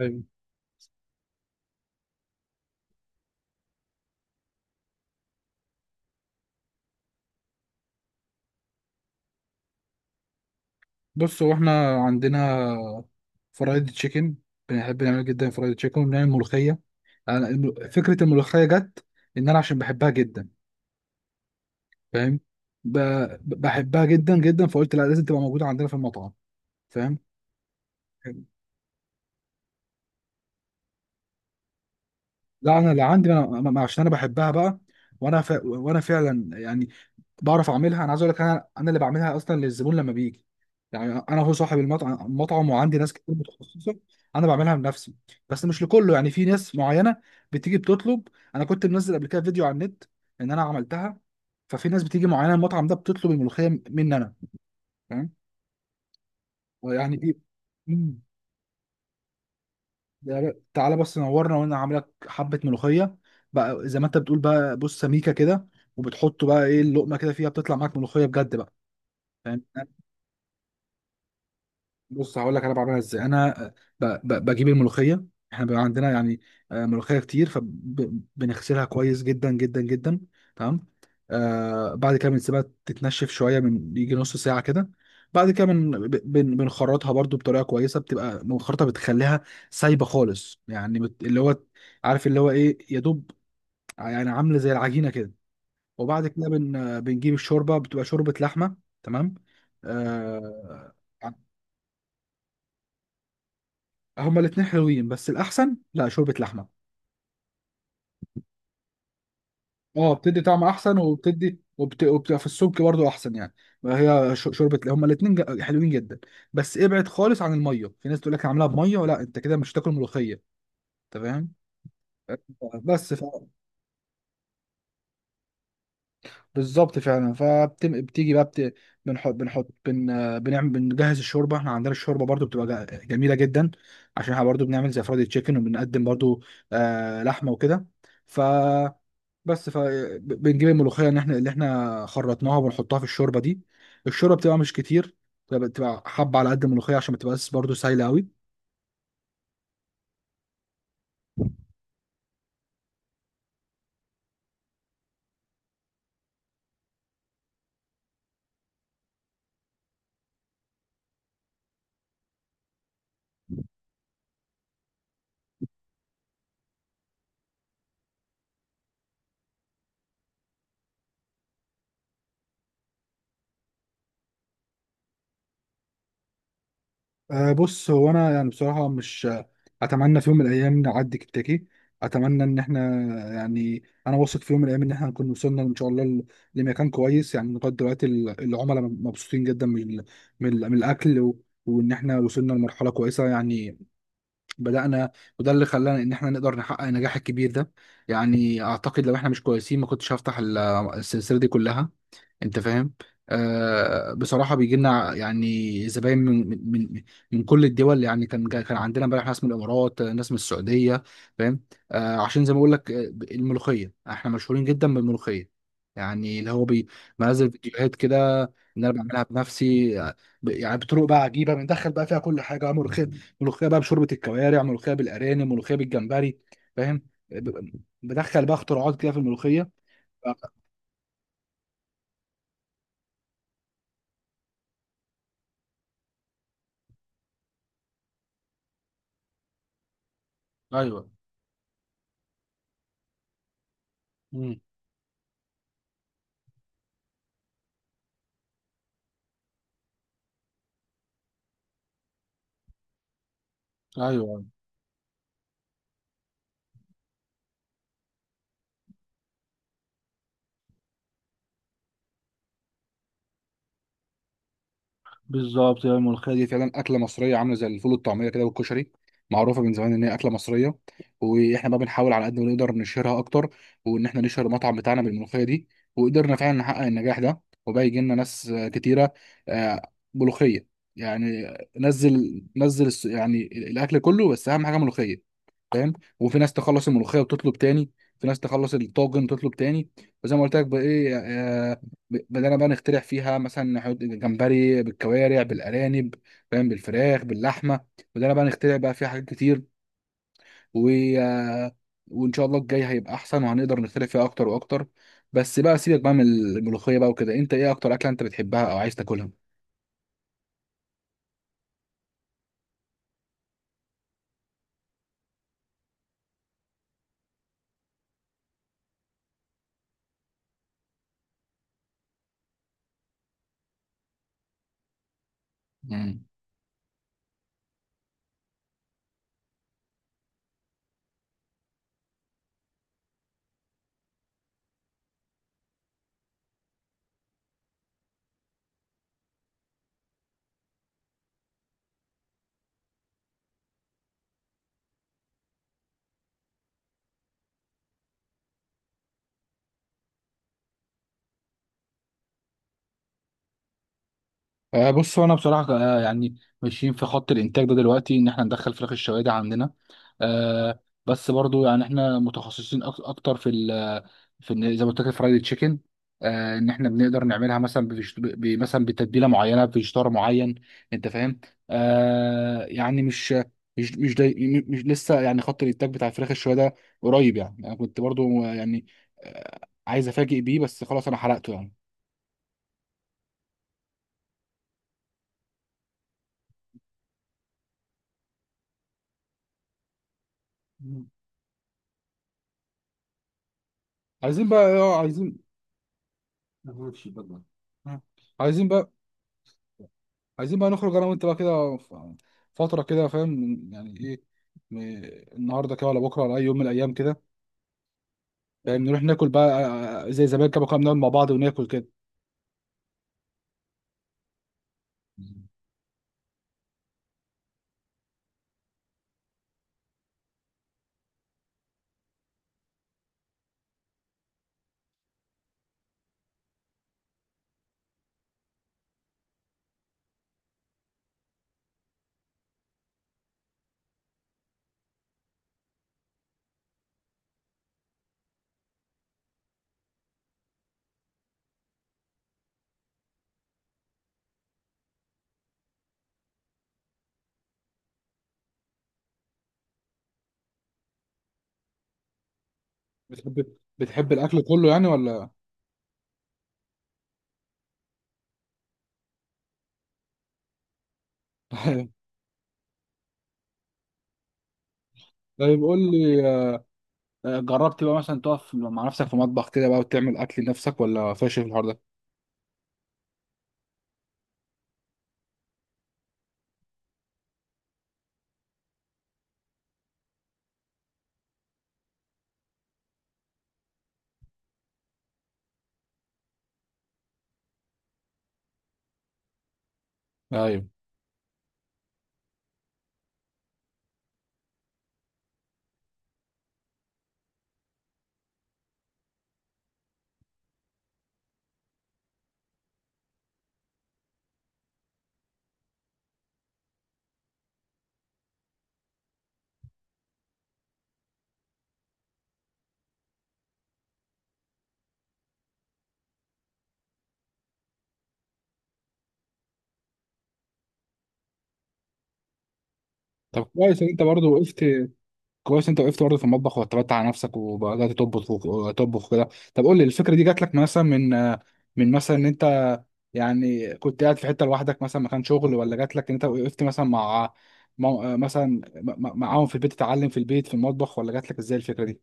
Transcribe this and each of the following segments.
ايوه. بص، هو احنا عندنا فرايد تشيكن. بنحب نعمل جدا فرايد تشيكن وبنعمل ملوخيه. انا فكره الملوخيه جت ان انا عشان بحبها جدا. فاهم؟ ب... بحبها جدا جدا، فقلت لا، لازم تبقى موجوده عندنا في المطعم. فاهم؟ لا، انا اللي عندي انا عشان انا بحبها بقى. وانا فعلا يعني بعرف اعملها. انا عايز اقول لك، انا اللي بعملها اصلا للزبون لما بيجي. يعني انا هو صاحب المطعم، وعندي ناس كتير متخصصه. انا بعملها بنفسي، بس مش لكله، يعني في ناس معينه بتيجي بتطلب. انا كنت منزل قبل كده فيديو على النت ان انا عملتها. ففي ناس بتيجي معينه المطعم ده بتطلب الملوخيه مني انا. فاهم يعني ايه؟ مم. تعالى بس نورنا وانا عامل لك حبه ملوخيه بقى، زي ما انت بتقول بقى. بص، سميكه كده، وبتحط بقى ايه اللقمه كده فيها، بتطلع معاك ملوخيه بجد بقى. فاهم؟ بص، هقول لك انا بعملها ازاي. انا بجيب الملوخيه. احنا بيبقى عندنا يعني ملوخيه كتير، فبنغسلها كويس جدا جدا جدا. تمام؟ آه، بعد كده بنسيبها تتنشف شويه، من يجي نص ساعه كده. بعد كده بنخرطها برضو بطريقه كويسه، بتبقى مخرطه، بتخليها سايبه خالص يعني، اللي هو عارف اللي هو ايه، يا دوب يعني، عامله زي العجينه كده. وبعد كده بنجيب الشوربه، بتبقى شوربه لحمه. تمام؟ آه. هما الاتنين حلوين، بس الأحسن لا، شوربة لحمة. اه، بتدي طعم أحسن، وبتبقى في السمك برضو أحسن يعني. هي شوربة، هما الاتنين حلوين جدا. بس ابعد خالص عن المية، في ناس تقول لك أنا عاملاها بمية، لا، أنت كده مش هتاكل ملوخية. أنت فاهم؟ بس ف... بالظبط، فعلا. آه، بنجهز الشوربه. احنا عندنا الشوربه برضو بتبقى جميله جدا، عشان احنا برضو بنعمل زي فرايد تشيكن وبنقدم برضو آه لحمه وكده. ف فبنجيب الملوخيه ان احنا اللي خرطناها، وبنحطها في الشوربه دي. الشوربه بتبقى مش كتير، بتبقى حبه على قد الملوخيه، عشان ما تبقاش برضه سايله قوي. أه، بص، هو انا يعني بصراحه مش، اتمنى في يوم من الايام نعدي كنتاكي. اتمنى ان احنا يعني، انا واثق في يوم من الايام ان احنا هنكون وصلنا ان شاء الله لمكان كويس. يعني لغايه دلوقتي العملاء مبسوطين جدا من من الاكل، وان احنا وصلنا لمرحله كويسه يعني. بدأنا، وده اللي خلانا ان احنا نقدر نحقق النجاح الكبير ده. يعني اعتقد لو احنا مش كويسين، ما كنتش هفتح السلسلة دي كلها. انت فاهم؟ آه، بصراحه بيجي لنا يعني زباين من من كل الدول. يعني كان عندنا امبارح ناس من الامارات، آه، ناس من السعوديه. فاهم؟ آه، عشان زي ما بقول لك، آه، الملوخيه احنا مشهورين جدا بالملوخيه. يعني اللي هو بنزل فيديوهات كده ان انا بعملها بنفسي. آه، يعني بطرق بقى عجيبه، بندخل بقى فيها كل حاجه ملوخيه. ملوخيه بقى بشوربه الكوارع، ملوخيه بالارانب، ملوخيه بالجمبري. فاهم؟ آه، بدخل بقى اختراعات كده في الملوخيه. ايوه. امم. ايوه، بالظبط. هي الملوخيه دي فعلا اكله مصريه، عامله زي الفول والطعميه كده والكشري، معروفه من زمان ان هي اكله مصريه. واحنا بقى بنحاول على قد ما نقدر نشهرها اكتر، وان احنا نشهر المطعم بتاعنا بالملوخيه دي. وقدرنا فعلا نحقق النجاح ده، وبقى يجي لنا ناس آه، كتيره، آه، ملوخيه، يعني. نزل يعني الاكل كله، بس اهم حاجه ملوخيه. فاهم؟ وفي ناس تخلص الملوخيه وتطلب تاني، في ناس تخلص الطاجن وتطلب تاني. وزي ما قلت لك بقى ايه، آه، بدأنا بقى نخترع فيها، مثلا نحط جمبري بالكوارع، بالأرانب، فاهم، بالفراخ، باللحمة. بدأنا بقى نخترع بقى فيها حاجات كتير، و... آه، وإن شاء الله الجاي هيبقى أحسن، وهنقدر نخترع فيها أكتر وأكتر. بس بقى سيبك بقى من الملوخية بقى وكده، أنت إيه أكتر أكلة أنت بتحبها أو عايز تاكلها؟ آه، بص، هو انا بصراحه آه، يعني ماشيين في خط الانتاج ده دلوقتي، ان احنا ندخل فراخ الشوادي عندنا، آه، بس برضو يعني احنا متخصصين اكتر في زي ما قلت لك، الفرايد تشيكن. آه، ان احنا بنقدر نعملها مثلا مثلا بتتبيله معينه، بفيجيتار معين. انت فاهم؟ آه، يعني مش مش, داي مش لسه يعني خط الانتاج بتاع الفراخ الشوايه. قريب يعني، انا كنت برضو آه، يعني آه، عايز افاجئ بيه، بس خلاص انا حرقته يعني. عايزين بقى، اه، عايزين. ماشي بالله. مم. عايزين بقى، عايزين بقى نخرج انا وانت بقى كده فتره كده، فاهم يعني ايه، م- النهارده كده، ولا بكره، ولا اي يوم من الايام كده. فاهم؟ نروح ناكل بقى آه، زي زمان كده، كنا بنقعد مع بعض وناكل كده. بتحب الاكل كله يعني ولا؟ طيب، قول لي، آه، جربت بقى مثلا تقف مع نفسك في مطبخ كده بقى وتعمل اكل لنفسك، ولا فاشل في الحوار ده؟ ايوه. طب كويس ان انت برضه وقفت، كويس انت وقفت برضه في المطبخ واعتمدت على نفسك، وبدات تطبخ وتطبخ كده. طب قول لي، الفكره دي جات لك مثلا من آه، من مثلا ان انت يعني كنت قاعد في حته لوحدك مثلا مكان شغل، ولا جات لك ان انت وقفت مثلا آه، مثلا معاهم في البيت، تتعلم في البيت في المطبخ، ولا جات لك ازاي الفكره دي؟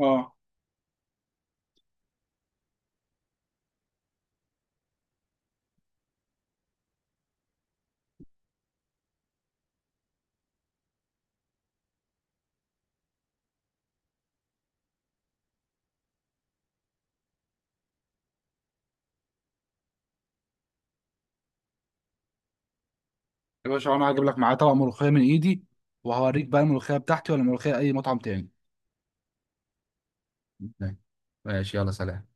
اه، يا باشا، انا هجيب لك معايا طبق ملوخيه من ايدي، وهوريك بقى الملوخيه بتاعتي ولا ملوخيه اي مطعم تاني. ماشي، يلا، سلام.